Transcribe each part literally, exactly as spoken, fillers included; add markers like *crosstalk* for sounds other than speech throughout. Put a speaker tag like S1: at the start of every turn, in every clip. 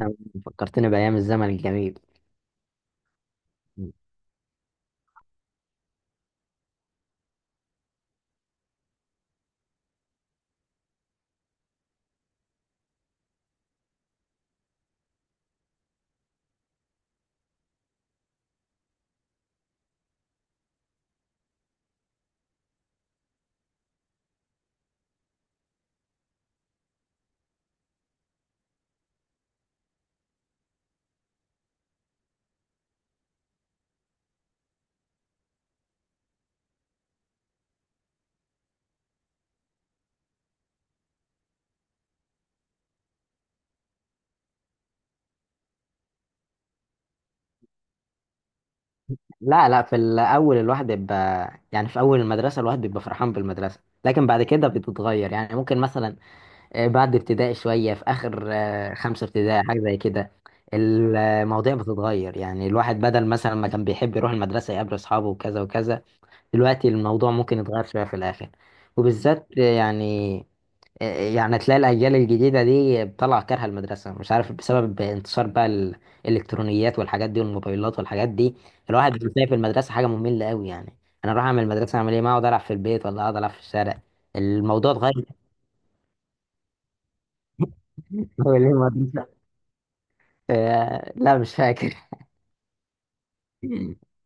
S1: نعم، فكرتني بأيام الزمن الجميل. م. لا لا، في الأول الواحد بيبقى يعني في أول المدرسة الواحد بيبقى فرحان بالمدرسة. لكن بعد كده بتتغير، يعني ممكن مثلا آه، بعد ابتدائي شوية في آخر آه، خمسة ابتدائي حاجة زي كده. المواضيع بتتغير، يعني الواحد بدل مثلا ما كان بيحب يروح المدرسة يقابل أصحابه وكذا وكذا. دلوقتي الموضوع ممكن يتغير شوية في الآخر، وبالذات آه، يعني آه، يعني تلاقي الأجيال الجديدة دي بتطلع كارهة المدرسة، مش عارف بسبب انتشار بقى ال- الإلكترونيات والحاجات دي والموبايلات والحاجات دي. الواحد بيلاقي في المدرسة حاجة مملة قوي، يعني أنا أروح أعمل المدرسة أعمل إيه؟ ما أقعد ألعب في البيت ولا أقعد ألعب في الشارع، الموضوع اتغير. *laughs* آه، لا مش فاكر. *laughs*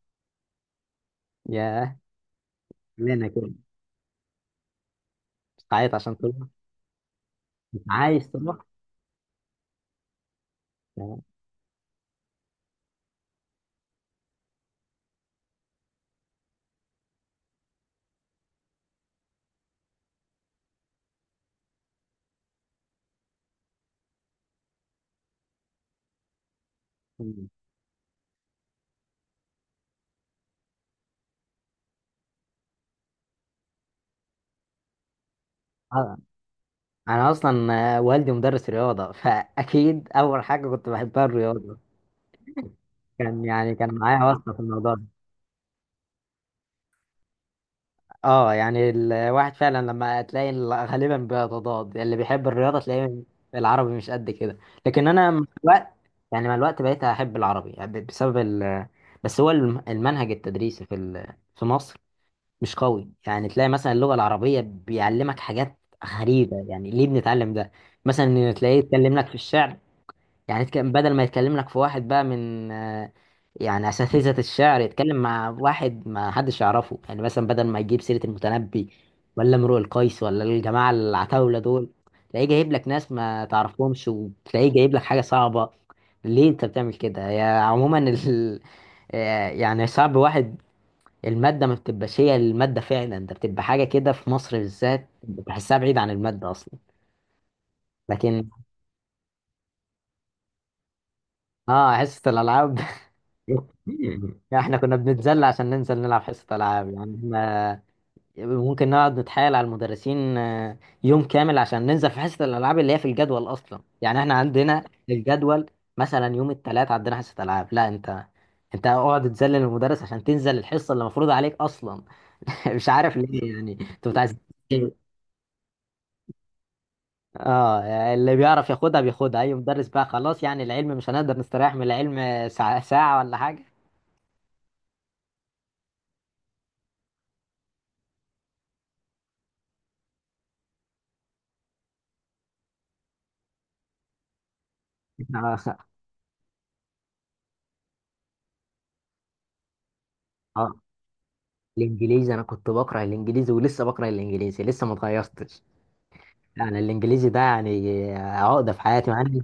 S1: يا لنا كده، تعيط عشان تروح؟ مش عايز تروح. آه، انا اصلا آه، والدي مدرس رياضه، فاكيد اول حاجه كنت بحبها الرياضه. كان يعني كان معايا واسطه في الموضوع ده. اه، يعني الواحد فعلا لما تلاقي ال- غالبا بيتضاد، اللي بيحب الرياضه تلاقيه العربي مش قد كده. لكن انا مع الوقت، يعني مع الوقت بقيت احب العربي يعني بسبب ال... بس هو الم- المنهج التدريسي في ال... في مصر مش قوي، يعني تلاقي مثلا اللغة العربية بيعلمك حاجات غريبة، يعني ليه بنتعلم ده؟ مثلا تلاقيه يتكلم لك في الشعر، يعني يتك- بدل ما يتكلم لك في واحد بقى من آه، يعني أساتذة الشعر، يتكلم مع واحد ما حدش يعرفه، يعني مثلا بدل ما يجيب سيرة المتنبي ولا امرؤ القيس ولا الجماعة العتاولة دول، تلاقيه جايب لك ناس ما تعرفهمش، وتلاقيه جايب لك حاجة صعبة. ليه انت بتعمل كده يا عموما ال... *laughs* يعني صعب واحد. المادة ما بتبقاش هي المادة فعلا، ده بتبقى حاجة كده في مصر بالذات بحسها بعيد عن المادة أصلا. لكن اه، حصة الألعاب. *laughs* احنا كنا بنتذل عشان ننزل نلعب حصة ألعاب، يعني احنا ممكن نقعد نتحايل على المدرسين آه، يوم كامل عشان ننزل في حصة الألعاب اللي هي في الجدول أصلا. يعني احنا عندنا الجدول، مثلا يوم الثلاث عندنا حصة ألعاب، لا انت، انت اقعد تذلل المدرس عشان تنزل الحصة اللي مفروض عليك أصلا. *laughs* مش عارف ليه، يعني انتوا بتعزز. اه، يعني اللي بيعرف ياخدها بياخدها، اي مدرس بقى خلاص، يعني العلم مش هنقدر نستريح من العلم ساعة, ساعة ولا حاجة. *laughs* اه، آه، الانجليزي انا كنت بكره الانجليزي ولسه بكره الانجليزي، لسه ما اتغيرتش. يعني الانجليزي ده يعني عقده في حياتي، مع إني-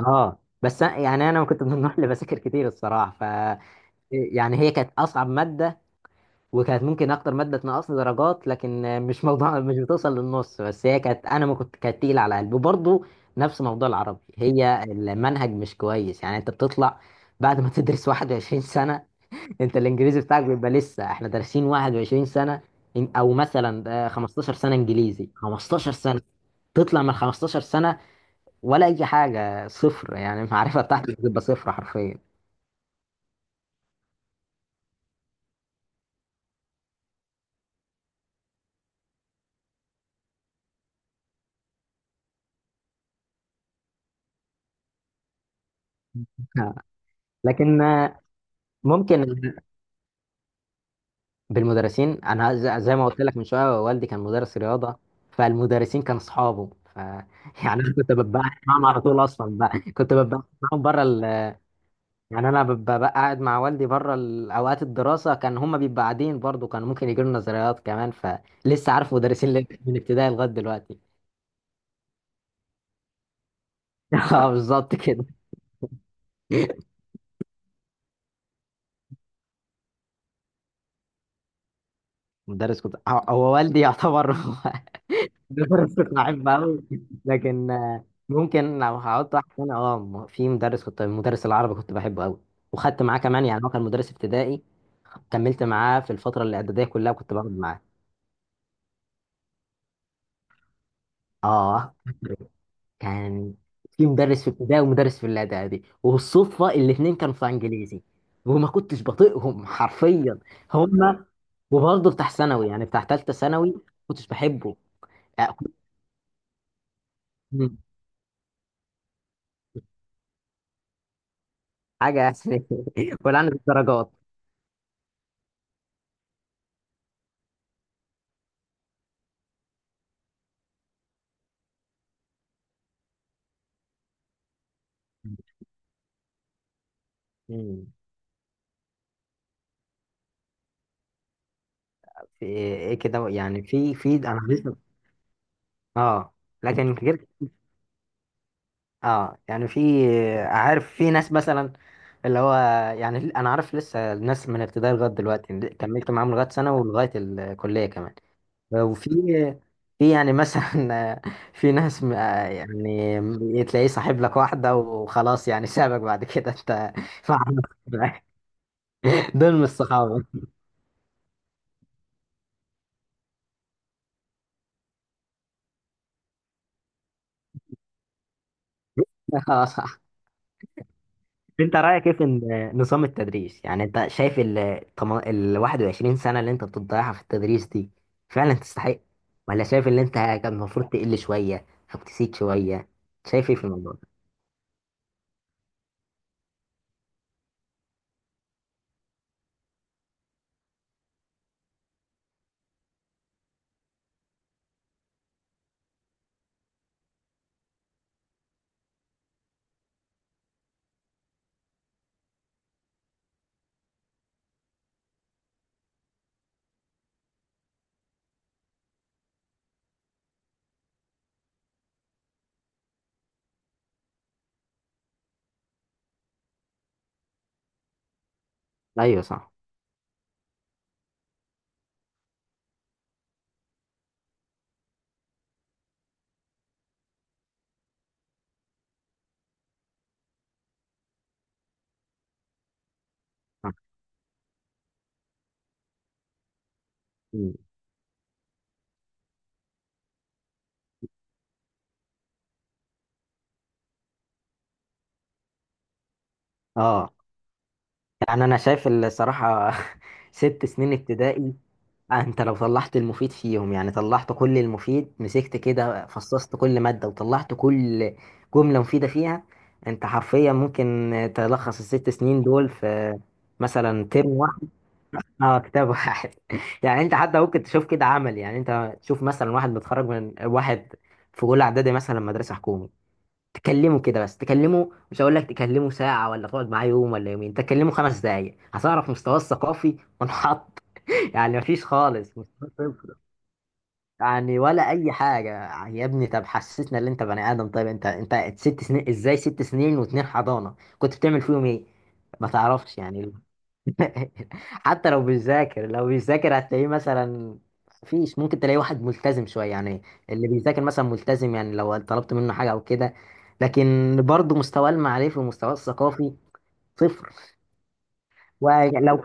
S1: اه، بس أنا- يعني انا كنت من النوع اللي بذاكر كتير الصراحه، ف يعني هي كانت اصعب ماده، وكانت ممكن اكتر ماده تنقصني درجات، لكن مش موضوع. *laughs* مش بتوصل للنص، بس هي كانت، انا ما كنت كانت تقيله على قلبي، وبرضه نفس موضوع العربي، هي المنهج مش كويس. يعني انت بتطلع بعد ما تدرس 21 سنه، انت الانجليزي بتاعك بيبقى لسه، احنا دارسين 21 سنه. إن- او مثلا آه، 15 سنه انجليزي، 15 سنه، تطلع من 15 سنه ولا اي حاجه صفر. يعني المعرفه بتاعتك بتبقى صفر حرفيا. *laughs* لكن آه، ممكن. بالمدرسين انا ز- زي ما قلت لك من شويه، والدي كان مدرس رياضه، فالمدرسين كانوا اصحابه، ف *laughs* يعني انا كنت ببقى قاعد معاهم على طول، اصلا بقى كنت ببقى معاهم بره ال... يعني انا ببقى بقى قاعد مع والدي بره ال- اوقات الدراسه، كان هم بيبقوا قاعدين برضه، كانوا ممكن يجوا لنا زيارات كمان، فلسه عارف مدرسين ل- من ابتدائي لغايه دلوقتي. *laughs* اه، بالظبط كده. مدرس كنت هو هو والدي يعتبر. *laughs* بس كنت بحبه قوي. لكن آه، ممكن لو هقعد واحد تاني، اه م- في مدرس كنت، مدرس العربي كنت بحبه قوي، وخدت معاه كمان، يعني هو كان مدرس ابتدائي، كملت معاه في الفتره الاعداديه كلها وكنت بقعد معاه. اه، كان في مدرس في ابتدائي ومدرس في الاعدادي، والصدفه الاثنين كانوا في انجليزي، وما كنتش بطيقهم حرفيا هما، وبرضه بتاع ثانوي، يعني بتاع ثالثه ثانوي ما كنتش بحبه. آه، كنت- حاجه. *laughs* يعني ولا عن الدرجات. مم. في ايه كده، يعني في في انا لسه، اه، لكن *laughs* غير. اه، يعني في عارف في ناس مثلا، اللي هو، يعني انا عارف لسه ناس من ابتدائي لغايه دلوقتي، كملت معاهم لغايه سنه ولغايه الكليه كمان. وفي في يعني مثلا *laughs* في ناس م- يعني تلاقيه صاحب لك واحده وخلاص، يعني سابك بعد كده انت *laughs* مع نفسك بقى. دول مش صحابه. *laughs* اه، انت رايك ايه في ان- نظام التدريس؟ يعني انت شايف ال طما- ال 21 سنه اللي انت بتضيعها في التدريس دي فعلا تستحق؟ ولا شايف ان انت كان المفروض تقل شويه او تسيب شويه؟ شايف ايه في الموضوع ده؟ ايوه صح. صح. مم. اه، يعني انا شايف الصراحه. *laughs* ست سنين ابتدائي، انت لو طلعت المفيد فيهم، يعني طلعت كل المفيد، مسكت كده فصصت كل مادة وطلعت كل جملة مفيدة فيها، انت حرفيا ممكن تلخص الست سنين دول في مثلا ترم واحد. اه، كتاب واحد. *laughs* يعني انت حتى ممكن تشوف كده عمل، يعني انت تشوف مثلا واحد متخرج، من واحد في اولى اعدادي مثلا مدرسة حكومي، تكلمه كده، بس تكلمه مش هقول لك تكلمه ساعة ولا تقعد معاه يوم ولا يومين، تكلمه خمس دقايق هتعرف مستواه الثقافي منحط. *laughs* يعني مفيش خالص، مستوى صفر، يعني ولا اي حاجه. يا ابني طب حسسنا ان انت بني ادم، طيب انت انت ست سنين، ازاي ست سنين واتنين حضانه كنت بتعمل فيهم ايه؟ ما تعرفش يعني. *laughs* حتى لو بيذاكر، لو بيذاكر هتلاقيه مثلا فيش ممكن تلاقي واحد ملتزم شويه، يعني اللي بيذاكر مثلا ملتزم، يعني لو طلبت منه حاجه او كده، لكن برضه مستواه المعرفي ومستواه الثقافي صفر. ولو.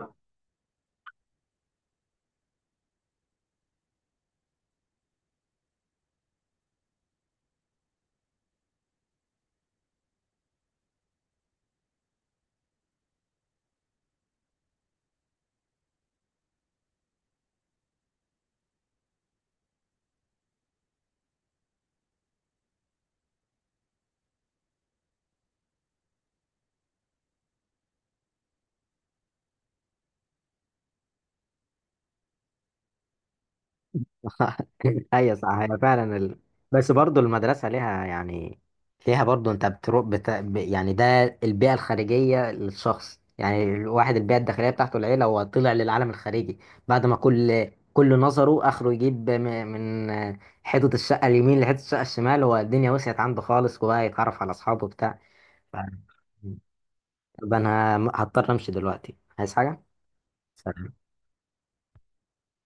S1: *laughs* ايوه صح، هي فعلا ال... بس برضو المدرسه ليها يعني، ليها برضو. انت بتروح بت... ب- يعني ده البيئه الخارجيه للشخص، يعني الواحد البيئه الداخليه بتاعته العيله، هو طلع للعالم الخارجي بعد ما كل كل نظره اخره، يجيب م- من حيطه الشقه اليمين لحيطه الشقه الشمال، هو الدنيا وسعت عنده خالص وبقى يتعرف على اصحابه بتاع، ف... طب انا هضطر امشي دلوقتي، عايز حاجه. سلام.